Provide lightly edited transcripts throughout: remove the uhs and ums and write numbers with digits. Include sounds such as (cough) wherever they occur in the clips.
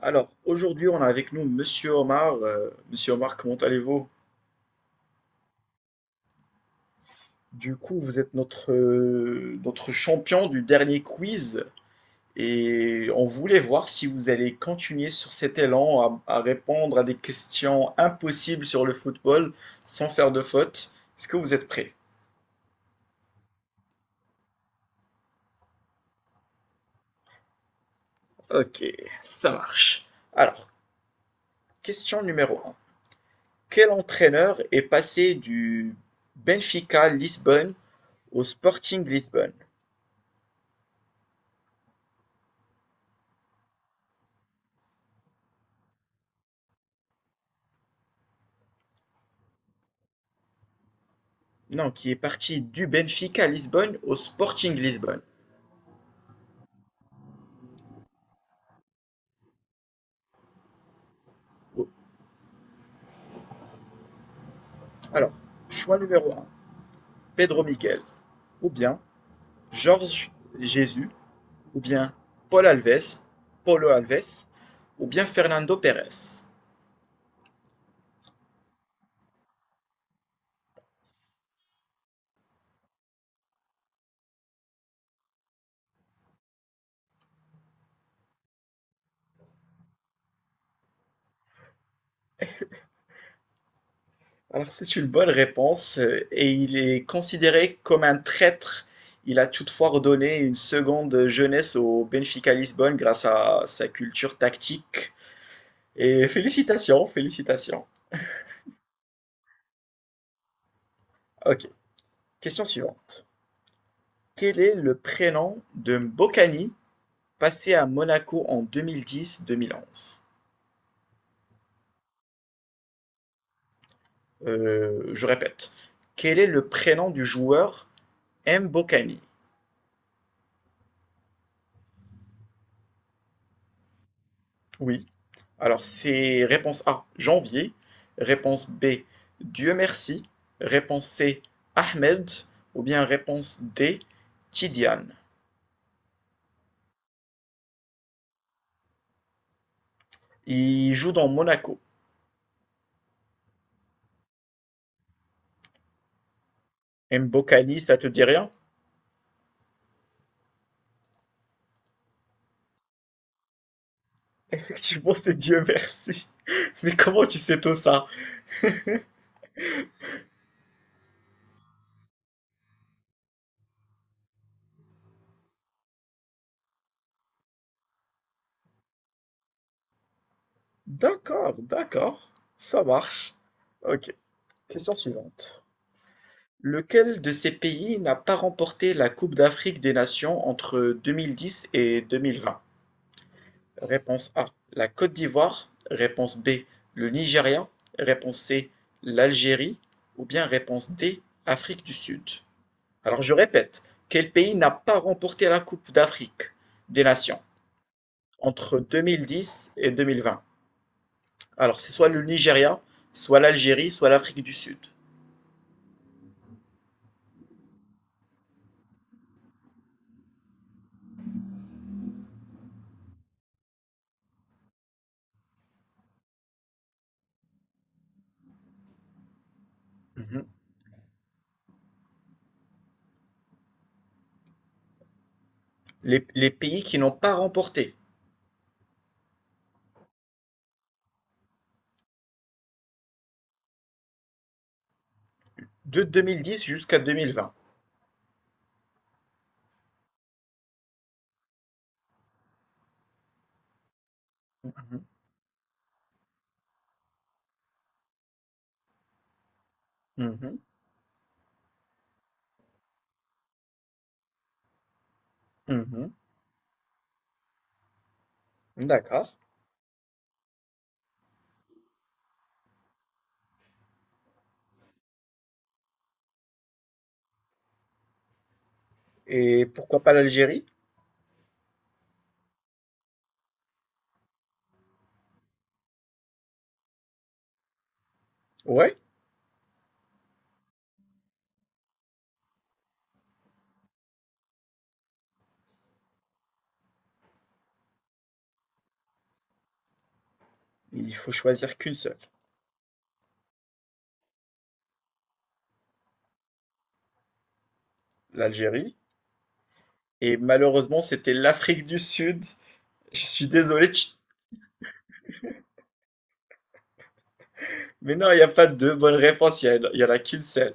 Alors, aujourd'hui, on a avec nous Monsieur Omar. Monsieur Omar, comment allez-vous? Du coup, vous êtes notre champion du dernier quiz et on voulait voir si vous allez continuer sur cet élan à répondre à des questions impossibles sur le football sans faire de faute. Est-ce que vous êtes prêt? Ok, ça marche. Alors, question numéro un. Quel entraîneur est passé du Benfica Lisbonne au Sporting Lisbonne? Non, qui est parti du Benfica Lisbonne au Sporting Lisbonne. Bon. Alors, choix numéro un, Pedro Miguel, ou bien Jorge Jesus, ou bien Paul Alves, Paulo Alves, ou bien Fernando Pérez. Alors, c'est une bonne réponse et il est considéré comme un traître. Il a toutefois redonné une seconde jeunesse au Benfica Lisbonne grâce à sa culture tactique. Et félicitations, félicitations. Ok, question suivante. Quel est le prénom de Mbokani, passé à Monaco en 2010-2011? Je répète. Quel est le prénom du joueur Mbokani? Oui. Alors c'est réponse A, janvier. Réponse B, Dieu merci. Réponse C, Ahmed. Ou bien réponse D, Tidiane. Il joue dans Monaco. Mbokani, ça te dit rien? Effectivement, c'est Dieu merci. Mais comment tu sais tout ça? D'accord, d'accord, ça marche. Ok, question suivante. Lequel de ces pays n'a pas remporté la Coupe d'Afrique des Nations entre 2010 et 2020? Réponse A, la Côte d'Ivoire. Réponse B, le Nigeria. Réponse C, l'Algérie. Ou bien réponse D, Afrique du Sud. Alors je répète, quel pays n'a pas remporté la Coupe d'Afrique des Nations entre 2010 et 2020? Alors, c'est soit le Nigeria, soit l'Algérie, soit l'Afrique du Sud. Mhm. Les pays qui n'ont pas remporté de 2010 jusqu'à 2020. Mhm. Mhm. Mhm. D'accord. Et pourquoi pas l'Algérie? Ouais, il faut choisir qu'une seule, l'Algérie. Et malheureusement, c'était l'Afrique du Sud. Je suis désolé, tu Mais non, il n'y a pas de deux bonnes réponses, il y en a qu'une seule.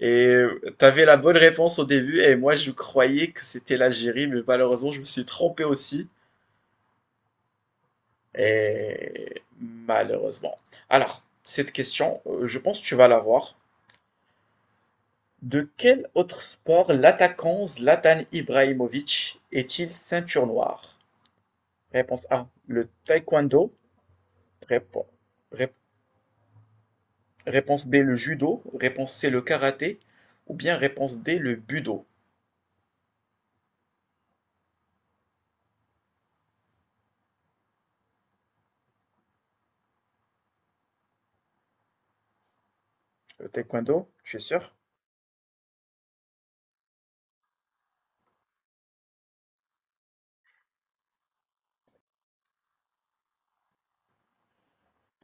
Et tu avais la bonne réponse au début, et moi je croyais que c'était l'Algérie, mais malheureusement je me suis trompé aussi. Et malheureusement. Alors, cette question, je pense que tu vas l'avoir. De quel autre sport l'attaquant Zlatan Ibrahimovic est-il ceinture noire? Réponse A, le taekwondo. Répo- rép- réponse B, le judo. Réponse C, le karaté. Ou bien réponse D, le budo. Le taekwondo, tu es sûr?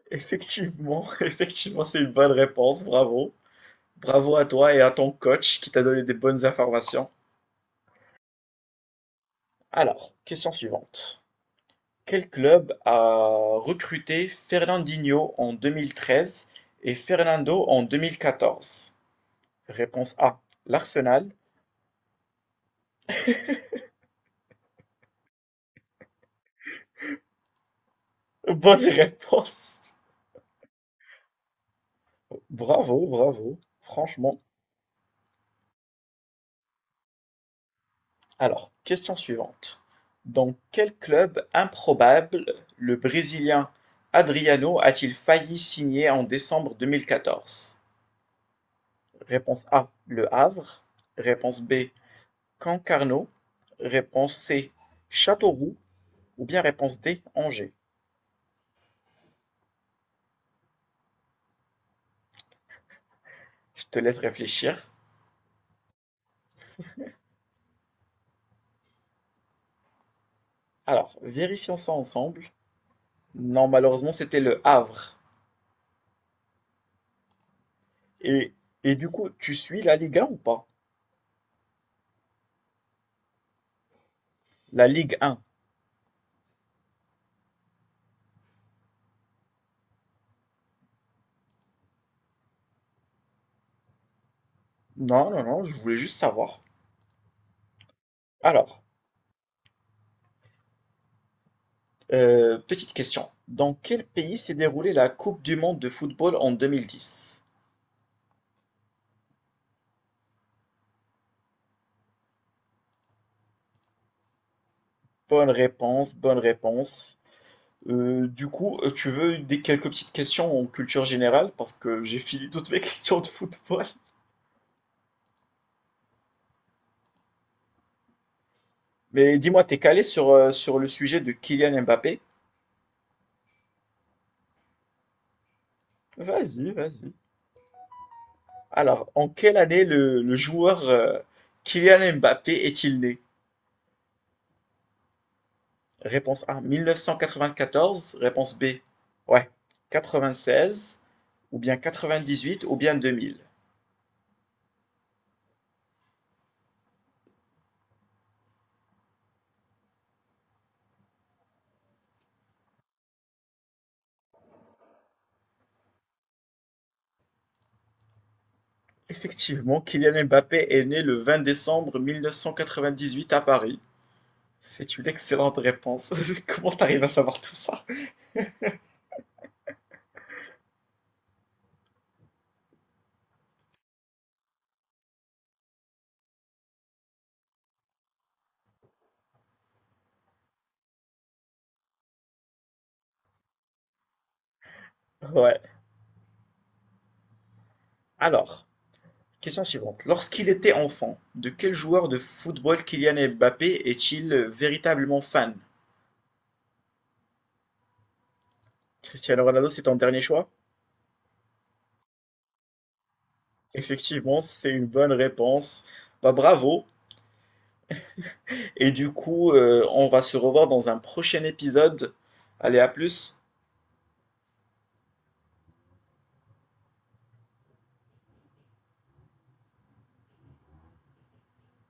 Effectivement, (laughs) effectivement, c'est une bonne réponse. Bravo. Bravo à toi et à ton coach qui t'a donné des bonnes informations. Alors, question suivante. Quel club a recruté Fernandinho en 2013 et Fernando en 2014? Réponse A, l'Arsenal. Bonne réponse. Bravo, bravo. Franchement. Alors, question suivante. Dans quel club improbable le Brésilien Adriano a-t-il failli signer en décembre 2014? Réponse A, Le Havre. Réponse B, Concarneau. Réponse C, Châteauroux. Ou bien réponse D, Angers. Je te laisse réfléchir. Alors, vérifions ça ensemble. Non, malheureusement, c'était Le Havre. Et, et du coup, tu suis la Ligue 1 ou pas? La Ligue 1. Non, non, non, je voulais juste savoir. Alors, petite question. Dans quel pays s'est déroulée la Coupe du monde de football en 2010? Bonne réponse, bonne réponse. Du coup, tu veux des quelques petites questions en culture générale parce que j'ai fini toutes mes (laughs) questions de football. Mais dis-moi, t'es calé sur le sujet de Kylian Mbappé? Vas-y, vas-y. Alors, en quelle année le joueur Kylian Mbappé est-il né? Réponse A, 1994. Réponse B, ouais, 96, ou bien 98, ou bien 2000. Effectivement, Kylian Mbappé est né le 20 décembre 1998 à Paris. C'est une excellente réponse. (laughs) Comment t'arrives à savoir tout ça? Ouais. Alors, question suivante. Lorsqu'il était enfant, de quel joueur de football Kylian Mbappé est-il véritablement fan? Cristiano Ronaldo, c'est ton dernier choix? Effectivement, c'est une bonne réponse. Bah bravo. Et du coup, on va se revoir dans un prochain épisode. Allez, à plus.